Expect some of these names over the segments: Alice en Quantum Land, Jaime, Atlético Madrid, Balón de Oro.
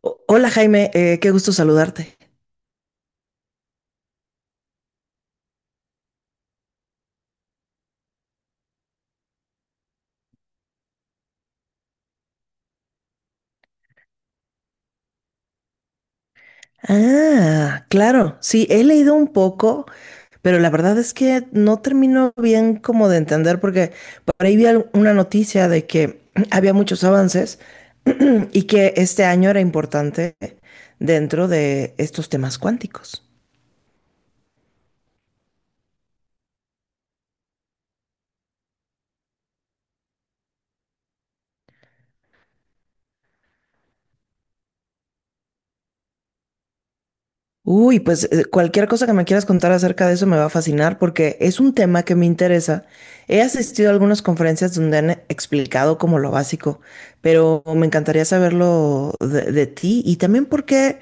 Hola Jaime, qué gusto saludarte. Ah, claro, sí, he leído un poco, pero la verdad es que no termino bien como de entender porque por ahí vi una noticia de que había muchos avances y que este año era importante dentro de estos temas cuánticos. Uy, pues cualquier cosa que me quieras contar acerca de eso me va a fascinar porque es un tema que me interesa. He asistido a algunas conferencias donde han explicado como lo básico, pero me encantaría saberlo de ti y también porque,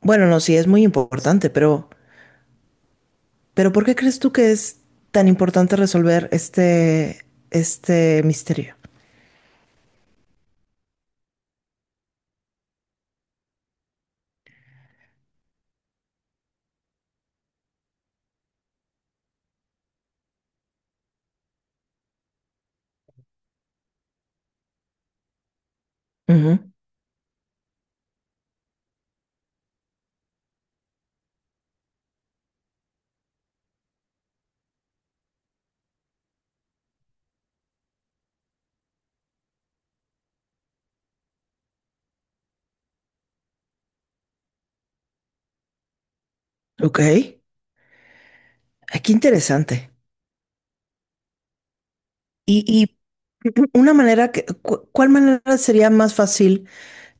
bueno, no, sí es muy importante, pero ¿por qué crees tú que es tan importante resolver este misterio? Ujú. Ok. Ah, qué interesante. Y una manera que, ¿cuál manera sería más fácil?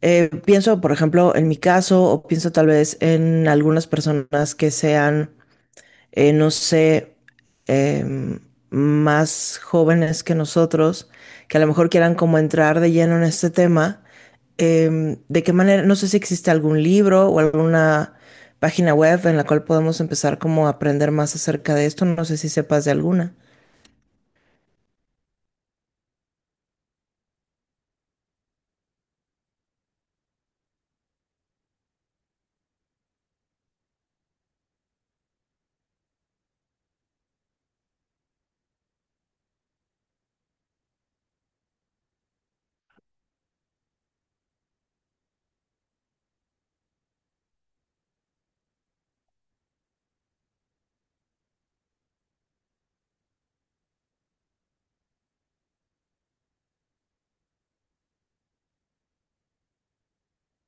Pienso, por ejemplo, en mi caso, o pienso tal vez en algunas personas que sean, no sé, em, más jóvenes que nosotros, que a lo mejor quieran como entrar de lleno en este tema. Em, ¿de qué manera? No sé si existe algún libro o alguna página web en la cual podemos empezar como a aprender más acerca de esto. No sé si sepas de alguna.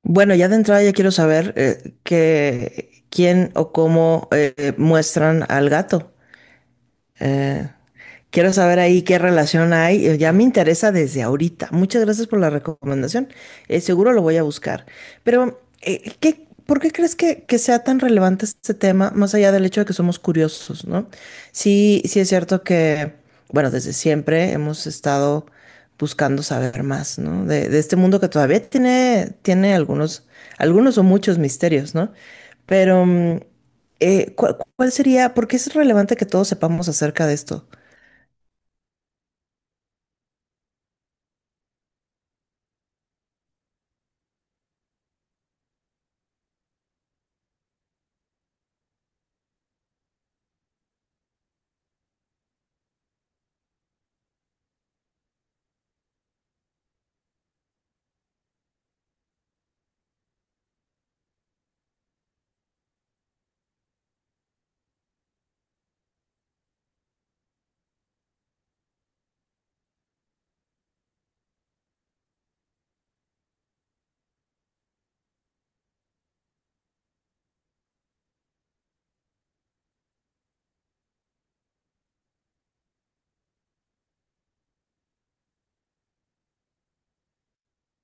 Bueno, ya de entrada ya quiero saber quién o cómo muestran al gato. Eh, quiero saber ahí qué relación hay. Eh, ya me interesa desde ahorita. Muchas gracias por la recomendación. Eh, seguro lo voy a buscar. Pero, ¿por qué crees que sea tan relevante este tema, más allá del hecho de que somos curiosos, ¿no? Sí, sí es cierto que, bueno, desde siempre hemos estado buscando saber más, ¿no? De este mundo que todavía tiene, algunos, algunos o muchos misterios, ¿no? Pero... ¿cuál sería? Porque es relevante que todos sepamos acerca de esto.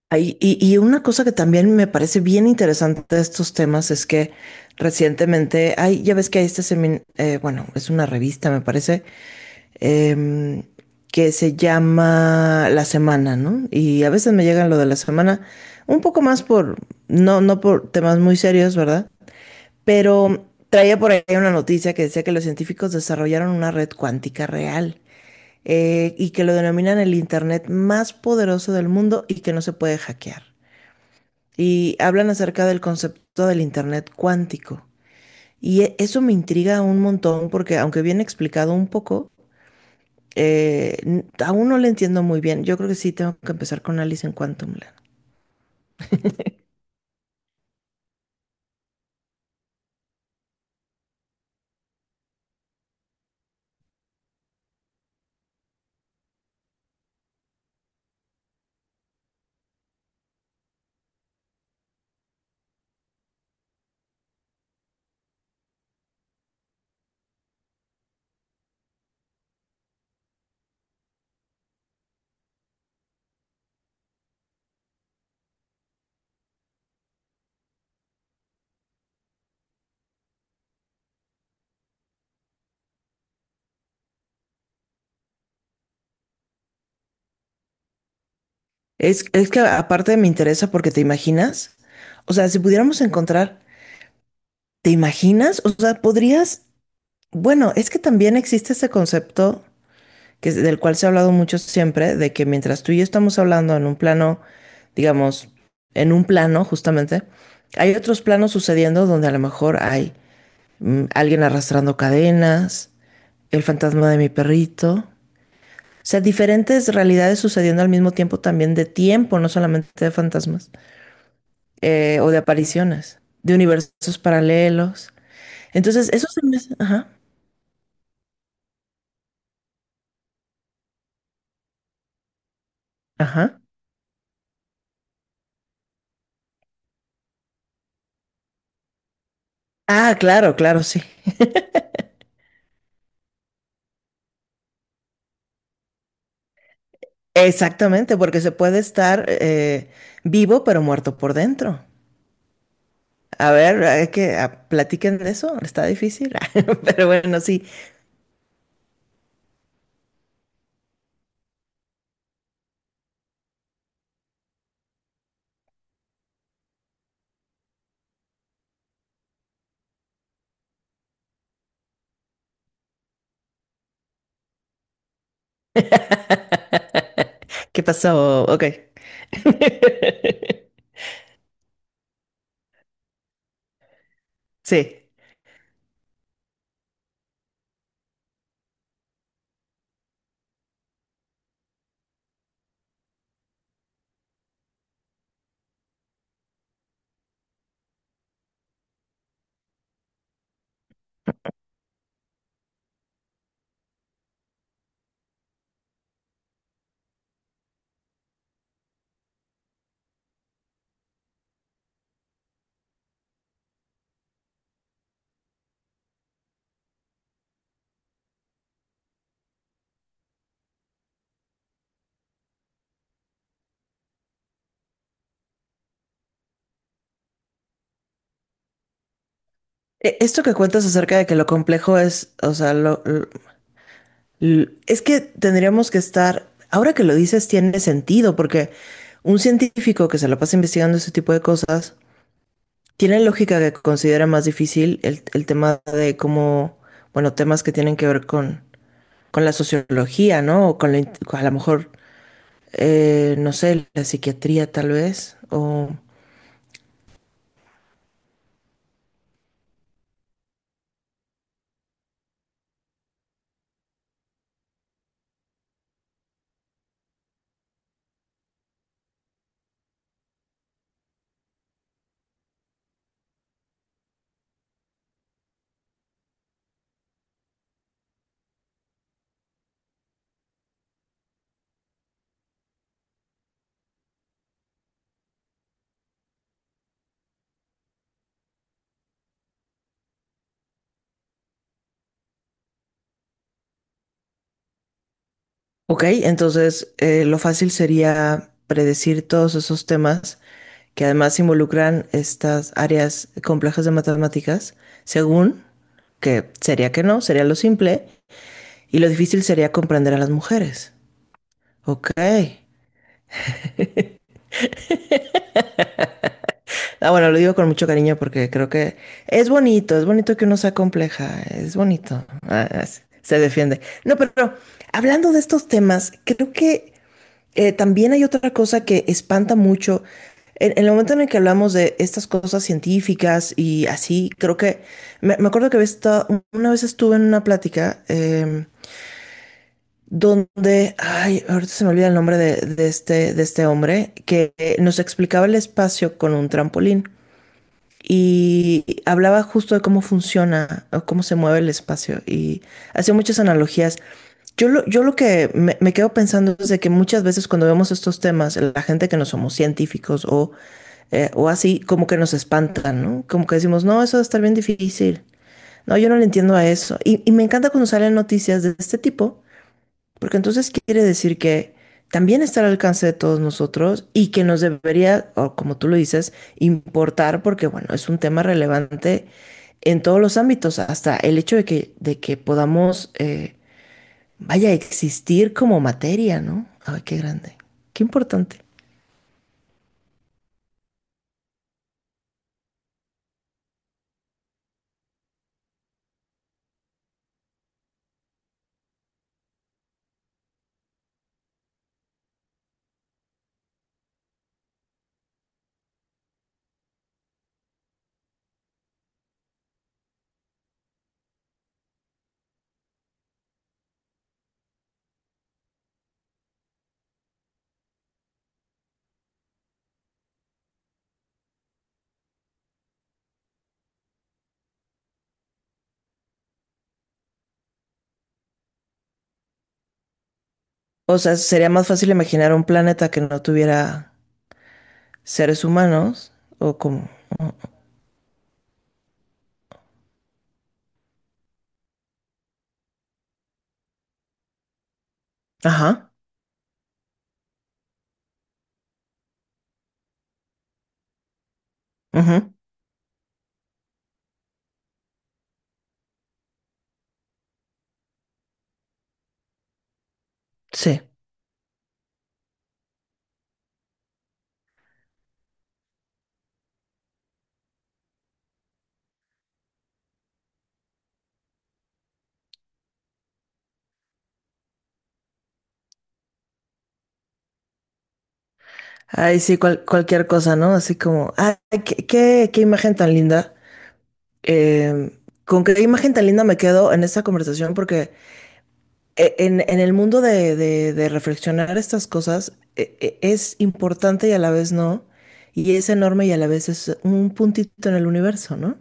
Ay, y una cosa que también me parece bien interesante de estos temas es que recientemente, hay, ya ves que hay este seminario, bueno, es una revista, me parece, em, que se llama La Semana, ¿no? Y a veces me llegan lo de la semana, un poco más por, no por temas muy serios, ¿verdad? Pero traía por ahí una noticia que decía que los científicos desarrollaron una red cuántica real. Eh, y que lo denominan el Internet más poderoso del mundo y que no se puede hackear. Y hablan acerca del concepto del Internet cuántico. Y eso me intriga un montón porque aunque bien explicado un poco, aún no lo entiendo muy bien. Yo creo que sí tengo que empezar con Alice en Quantum Land. Es que aparte me interesa porque te imaginas, o sea, si pudiéramos encontrar, ¿te imaginas? O sea, podrías, bueno, es que también existe ese concepto del cual se ha hablado mucho siempre, de que mientras tú y yo estamos hablando en un plano, digamos, en un plano justamente, hay otros planos sucediendo donde a lo mejor hay alguien arrastrando cadenas, el fantasma de mi perrito, o sea, diferentes realidades sucediendo al mismo tiempo también de tiempo, no solamente de fantasmas, o de apariciones, de universos paralelos. Entonces, eso se me hace- Ajá, ajá. Ah, claro, claro, sí. Exactamente, porque se puede estar vivo pero muerto por dentro. A ver, hay que ah, platiquen de eso, está difícil, pero bueno, sí. ¿Qué pasó? Ok. Sí. Esto que cuentas acerca de que lo complejo es, o sea, es que tendríamos que estar, ahora que lo dices, tiene sentido, porque un científico que se la pasa investigando ese tipo de cosas, tiene lógica que considera más difícil el tema de cómo, bueno, temas que tienen que ver con la sociología, ¿no? O con la, a lo mejor, no sé, la psiquiatría tal vez. O, ok, entonces lo fácil sería predecir todos esos temas que además involucran estas áreas complejas de matemáticas, según que sería que no, sería lo simple, y lo difícil sería comprender a las mujeres. Ok. Ah, bueno, lo digo con mucho cariño porque creo que es bonito que uno sea compleja, es bonito. Ah, se defiende. No, pero hablando de estos temas, creo que también hay otra cosa que espanta mucho. En el momento en el que hablamos de estas cosas científicas y así, creo que me acuerdo que una vez estuve en una plática donde, ay, ahorita se me olvida el nombre de este hombre que nos explicaba el espacio con un trampolín y hablaba justo de cómo funciona o cómo se mueve el espacio y hacía muchas analogías. Yo lo que me quedo pensando es de que muchas veces cuando vemos estos temas, la gente que no somos científicos o así, como que nos espantan, ¿no? Como que decimos, no, eso va a estar bien difícil. No, yo no le entiendo a eso. Y me encanta cuando salen noticias de este tipo porque entonces quiere decir que también está al alcance de todos nosotros y que nos debería, o como tú lo dices, importar porque, bueno, es un tema relevante en todos los ámbitos, hasta el hecho de que podamos, vaya, existir como materia, ¿no? Ay, qué grande, qué importante. O sea, sería más fácil imaginar un planeta que no tuviera seres humanos o como... Ajá, ujú, sí. Ay, sí, cualquier cosa, ¿no? Así como, ay, qué, qué, qué imagen tan linda. Eh, con qué imagen tan linda me quedo en esta conversación, porque en el mundo de, de reflexionar estas cosas es importante y a la vez no, y es enorme y a la vez es un puntito en el universo, ¿no?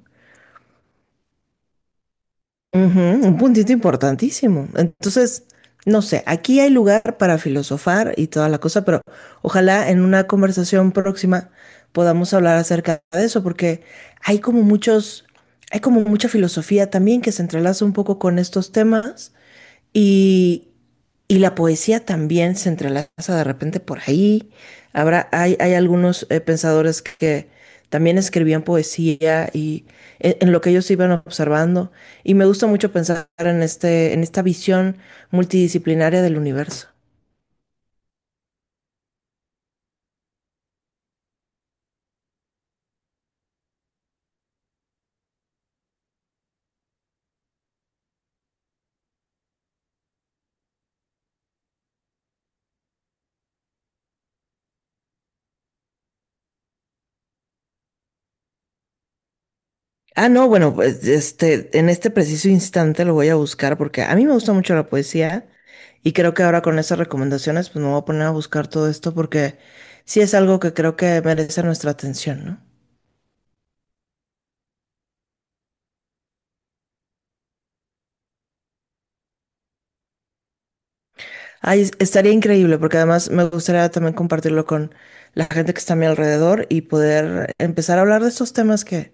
Ujú, un puntito importantísimo. Entonces, no sé, aquí hay lugar para filosofar y toda la cosa, pero ojalá en una conversación próxima podamos hablar acerca de eso, porque hay como muchos, hay como mucha filosofía también que se entrelaza un poco con estos temas. Y, y la poesía también se entrelaza de repente por ahí. Habrá, hay algunos pensadores que también escribían poesía y en, lo que ellos iban observando. Y me gusta mucho pensar en, este, en esta visión multidisciplinaria del universo. Ah, no, bueno, pues este, en este preciso instante lo voy a buscar porque a mí me gusta mucho la poesía y creo que ahora con esas recomendaciones pues me voy a poner a buscar todo esto porque sí es algo que creo que merece nuestra atención, ¿no? Ay, estaría increíble porque además me gustaría también compartirlo con la gente que está a mi alrededor y poder empezar a hablar de estos temas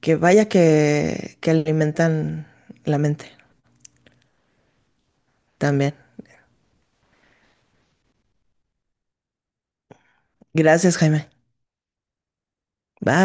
que vaya que alimentan la mente también. Gracias, Jaime. Bye.